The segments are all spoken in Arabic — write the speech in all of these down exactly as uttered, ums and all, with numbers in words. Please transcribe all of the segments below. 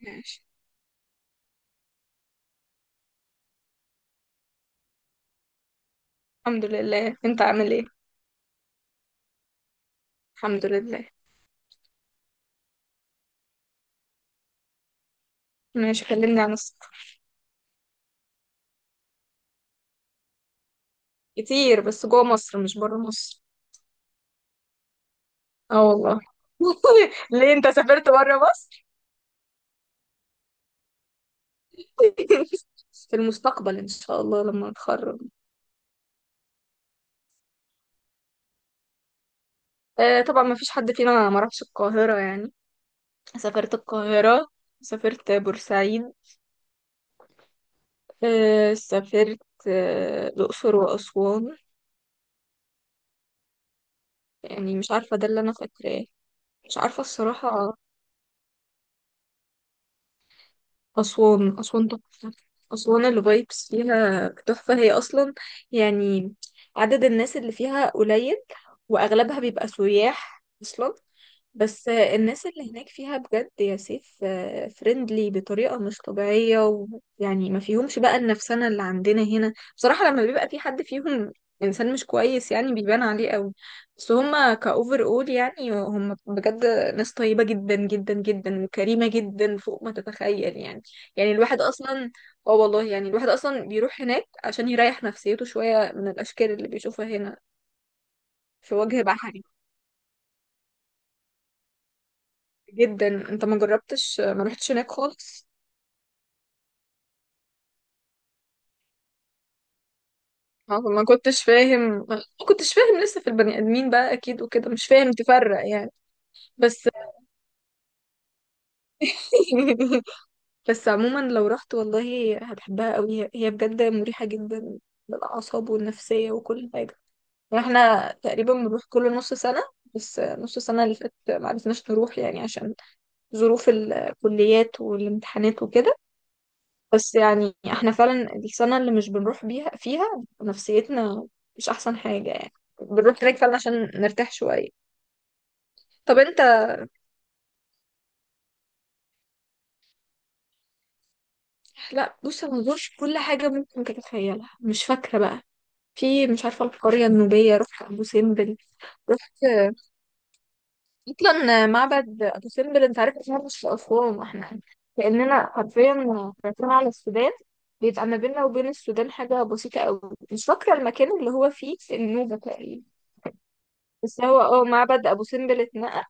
ماشي. الحمد لله. انت عامل ايه؟ الحمد لله. ماشي، كلمني عن السفر. كتير، بس جوه مصر مش بره مصر. اه والله. ليه انت سافرت بره مصر؟ في المستقبل ان شاء الله لما اتخرج. آه طبعا، ما فيش حد فينا ما راحش القاهرة يعني. سافرت القاهرة. سافرت بورسعيد. آه سافرت. آه الأقصر وأسوان. يعني مش عارفة، ده اللي أنا فاكراه. مش عارفة الصراحة. أسوان أسوان تحفة. أسوان الفايبس فيها تحفة هي أصلا، يعني عدد الناس اللي فيها قليل، وأغلبها بيبقى سياح أصلا. بس الناس اللي هناك فيها بجد يا سيف فريندلي بطريقة مش طبيعية، ويعني ما فيهمش بقى النفسنة اللي عندنا هنا بصراحة. لما بيبقى في حد فيهم إنسان مش كويس يعني بيبان عليه قوي، بس هما كأوفر أول يعني هما بجد ناس طيبة جدا جدا جدا وكريمة جدا فوق ما تتخيل يعني. يعني الواحد اصلا اه والله، يعني الواحد اصلا بيروح هناك عشان يريح نفسيته شوية من الاشكال اللي بيشوفها هنا في وجه بحري جدا. انت ما جربتش، ما رحتش هناك خالص؟ اه ما كنتش فاهم، ما كنتش فاهم لسه في البني ادمين بقى اكيد وكده، مش فاهم تفرق يعني. بس بس عموما لو رحت والله هتحبها قوي، هي هي بجد مريحة جدا للاعصاب والنفسية وكل حاجة. واحنا تقريبا بنروح كل نص سنة، بس نص سنة اللي فاتت معرفناش نروح يعني عشان ظروف الكليات والامتحانات وكده. بس يعني احنا فعلا السنة اللي مش بنروح بيها فيها نفسيتنا مش أحسن حاجة يعني. بنروح هناك فعلا عشان نرتاح شوية. طب انت؟ لا بص انا مزورش كل حاجة ممكن تتخيلها، مش فاكرة بقى. في مش عارفة، القرية النوبية، رحت أبو سمبل. رحت. اصلا معبد ابو سمبل انت عارف إن هو مش في اسوان؟ احنا كاننا حرفيا رايحين على السودان. بيبقى ما بيننا وبين السودان حاجه بسيطه قوي. مش فاكره المكان اللي هو فيه، النوبه تقريبا. بس هو اه معبد ابو سمبل اتنقل،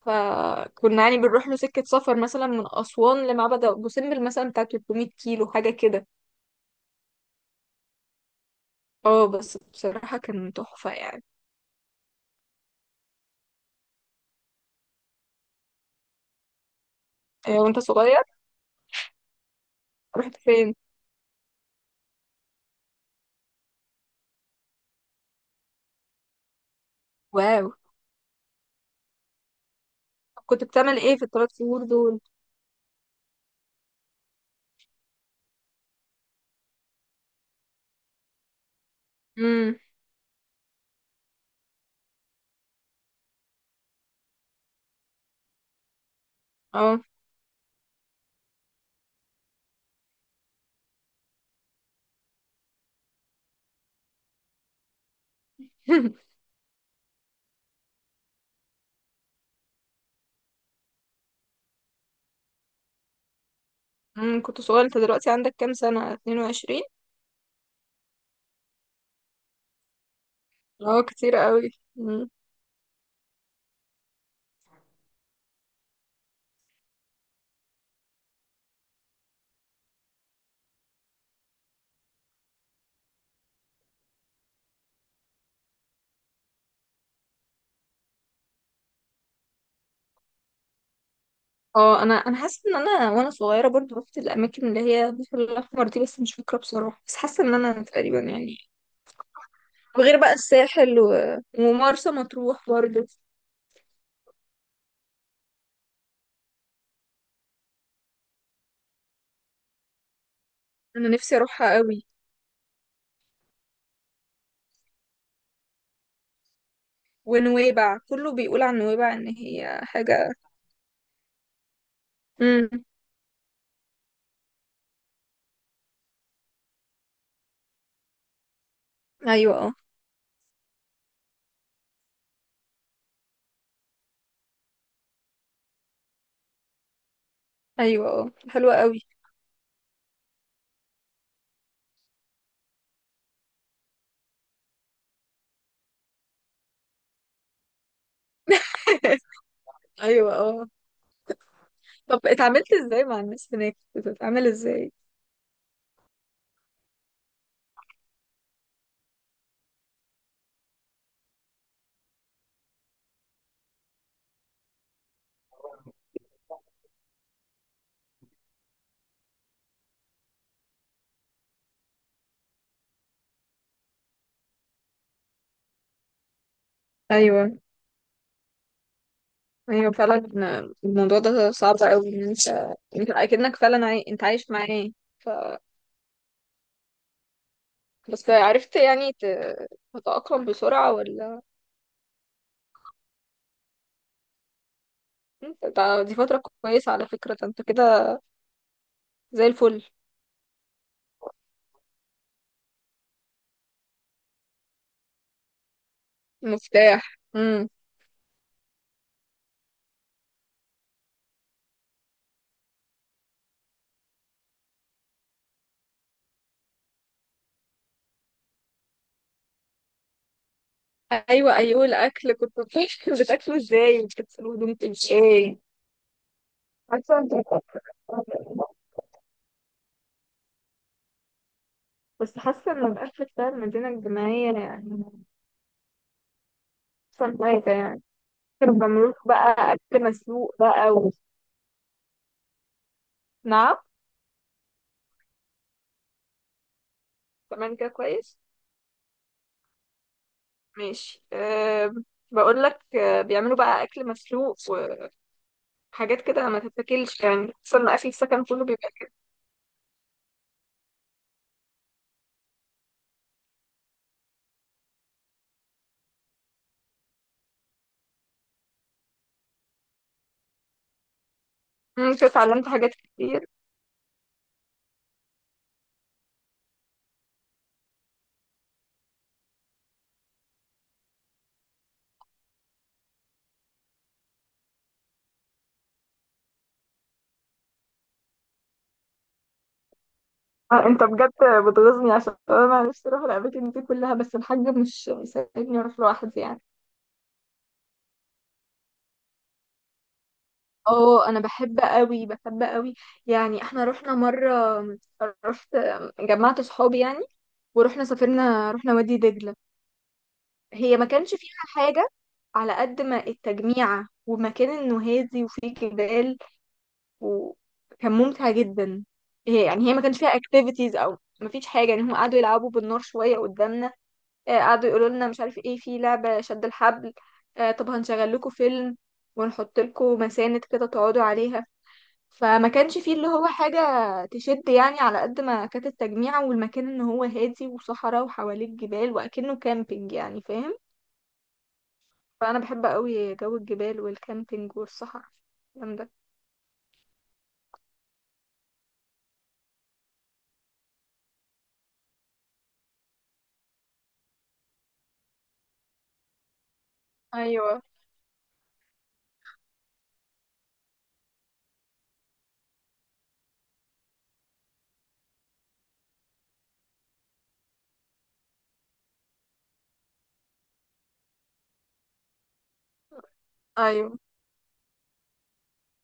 فكنا يعني بنروح له سكه سفر مثلا من اسوان لمعبد ابو سمبل مثلا بتاع ثلاثمية كيلو حاجه كده. اه بس بصراحه كان تحفه يعني. آه، وانت صغير رحت فين؟ واو. كنت بتعمل ايه في الثلاث شهور دول؟ امم. اه. امم كنت صغيرة. انت دلوقتي عندك كام سنة، اتنين وعشرين؟ اه كتير قوي. مم. اه انا انا حاسة ان انا وانا صغيرة برضو رحت الاماكن اللي هي البحر الاحمر دي، بس مش فاكرة بصراحة. بس حاسة ان انا تقريبا يعني. وغير بقى الساحل و... ومرسى مطروح برضو. انا نفسي اروحها قوي. ونويبع، كله بيقول عن نويبع ان هي حاجة. امم. ايوه اه. ايوه اه حلوة قوي. ايوه اه. طب اتعاملت ازاي مع الناس هناك؟ كنت بتتعامل ازاي؟ ايوه ايوه فعلا. الموضوع ده صعب قوي، ان انت انت اكنك فعلا عاي... انت عايش معاه. ف... بس عرفت يعني ت... تتأقلم بسرعة ولا؟ ده- دي فترة كويسة على فكرة. ده انت كده زي الفل. مفتاح. امم. ايوه ايوه، الاكل كنت بتاكله؟ بتاكله ازاي وبتغسله هدومك ازاي؟ حاسه انت بس حاسه ان الاكل بتاع المدينه الجامعيه يعني احسن حاجه يعني. كانوا بيعملوا لكم بقى اكل مسلوق بقى و... نعم؟ كمان كده كويس. ماشي أه. بقول لك أه بيعملوا بقى اكل مسلوق وحاجات كده ما تتاكلش يعني، خصوصا إن اكل السكن كله بيبقى كده. أمم، كده اتعلمت حاجات كتير. آه انت بجد بتغيظني عشان انا نفسي اروح الاماكن دي كلها، بس الحاج مش مساعدني اروح لوحدي يعني. اه انا بحب قوي، بحب قوي. يعني احنا رحنا مره، رحت، جمعت صحابي يعني ورحنا، سافرنا، رحنا وادي دجله. هي ما كانش فيها حاجه على قد ما التجميعة ومكان انه هادي وفيه جبال، وكان ممتع جدا. هي يعني هي ما كانش فيها اكتيفيتيز او ما فيش حاجه يعني، هم قعدوا يلعبوا بالنار شويه قدامنا، آه، قعدوا يقولوا لنا مش عارف ايه في لعبه شد الحبل. آه، طب هنشغل لكم فيلم، ونحط لكم مساند كده تقعدوا عليها. فما كانش فيه اللي هو حاجه تشد يعني، على قد ما كانت التجميعة والمكان ان هو هادي وصحراء وحواليه جبال واكنه كامبينج يعني، فاهم؟ فانا بحب قوي جو الجبال والكامبينج والصحراء، الكلام ده. ايوه. ايوه.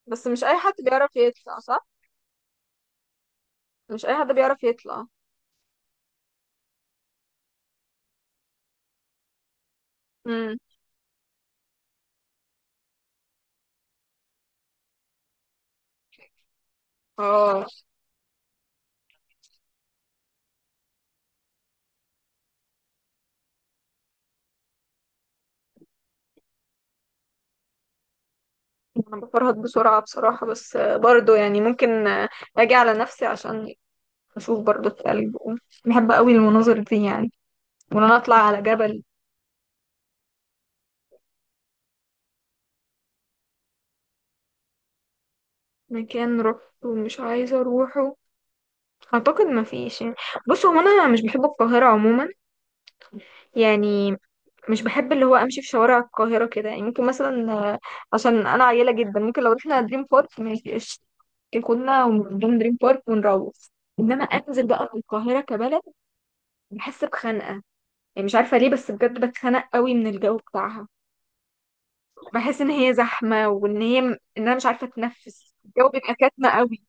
بس مش اي حد بيعرف يطلع صح. مش اي حد بيعرف يطلع. امم. اه انا بفرهد بسرعة بصراحة، بس آه، برضو يعني ممكن آه، اجي على نفسي عشان اشوف برضو التلج. بحب قوي المناظر دي يعني، وان انا اطلع على جبل. مكان روحته ومش عايزة اروحه؟ اعتقد ما فيش يعني. بصوا هو انا مش بحب القاهرة عموما، يعني مش بحب اللي هو امشي في شوارع القاهره كده. يعني ممكن مثلا آه، عشان انا عيله جدا، ممكن لو رحنا دريم بارك ماشي قشطة. ممكن كنا ونروح دريم بارك ونروح، انما انزل بقى في القاهره كبلد بحس بخنقه. يعني مش عارفه ليه، بس بجد بتخنق قوي من الجو بتاعها. بحس ان هي زحمه، وان هي ان انا مش عارفه اتنفس، الجو بيبقى كاتمه قوي.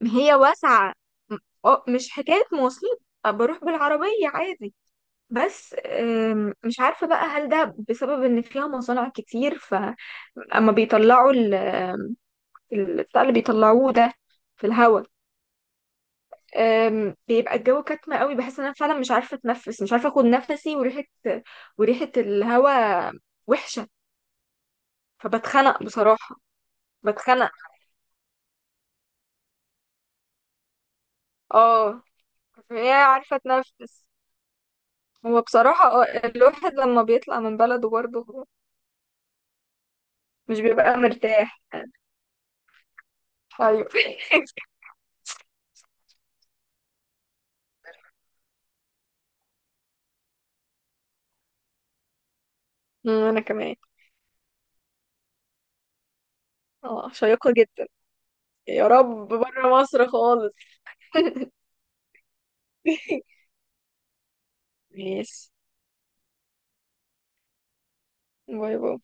ما هي واسعه. م- اه مش حكايه مواصلات، آه، بروح بالعربيه عادي. بس آم، مش عارفة بقى هل ده بسبب ان فيها مصانع كتير، فاما بيطلعوا ال- البتاع اللي بيطلعوه ده في الهواء، آم، بيبقى الجو كتمة قوي. بحس ان انا فعلا مش عارفة اتنفس، مش عارفة اخد نفسي، وريحة، وريحة الهواء وحشة، فبتخنق بصراحة. بتخنق. اه. هي عارفة اتنفس. هو بصراحة آه، الواحد لما بيطلع من بلده برضه مش بيبقى مرتاح. ايوه. انا كمان. اه شيقة جدا. يا رب بره مصر خالص. ماشي. باي باي.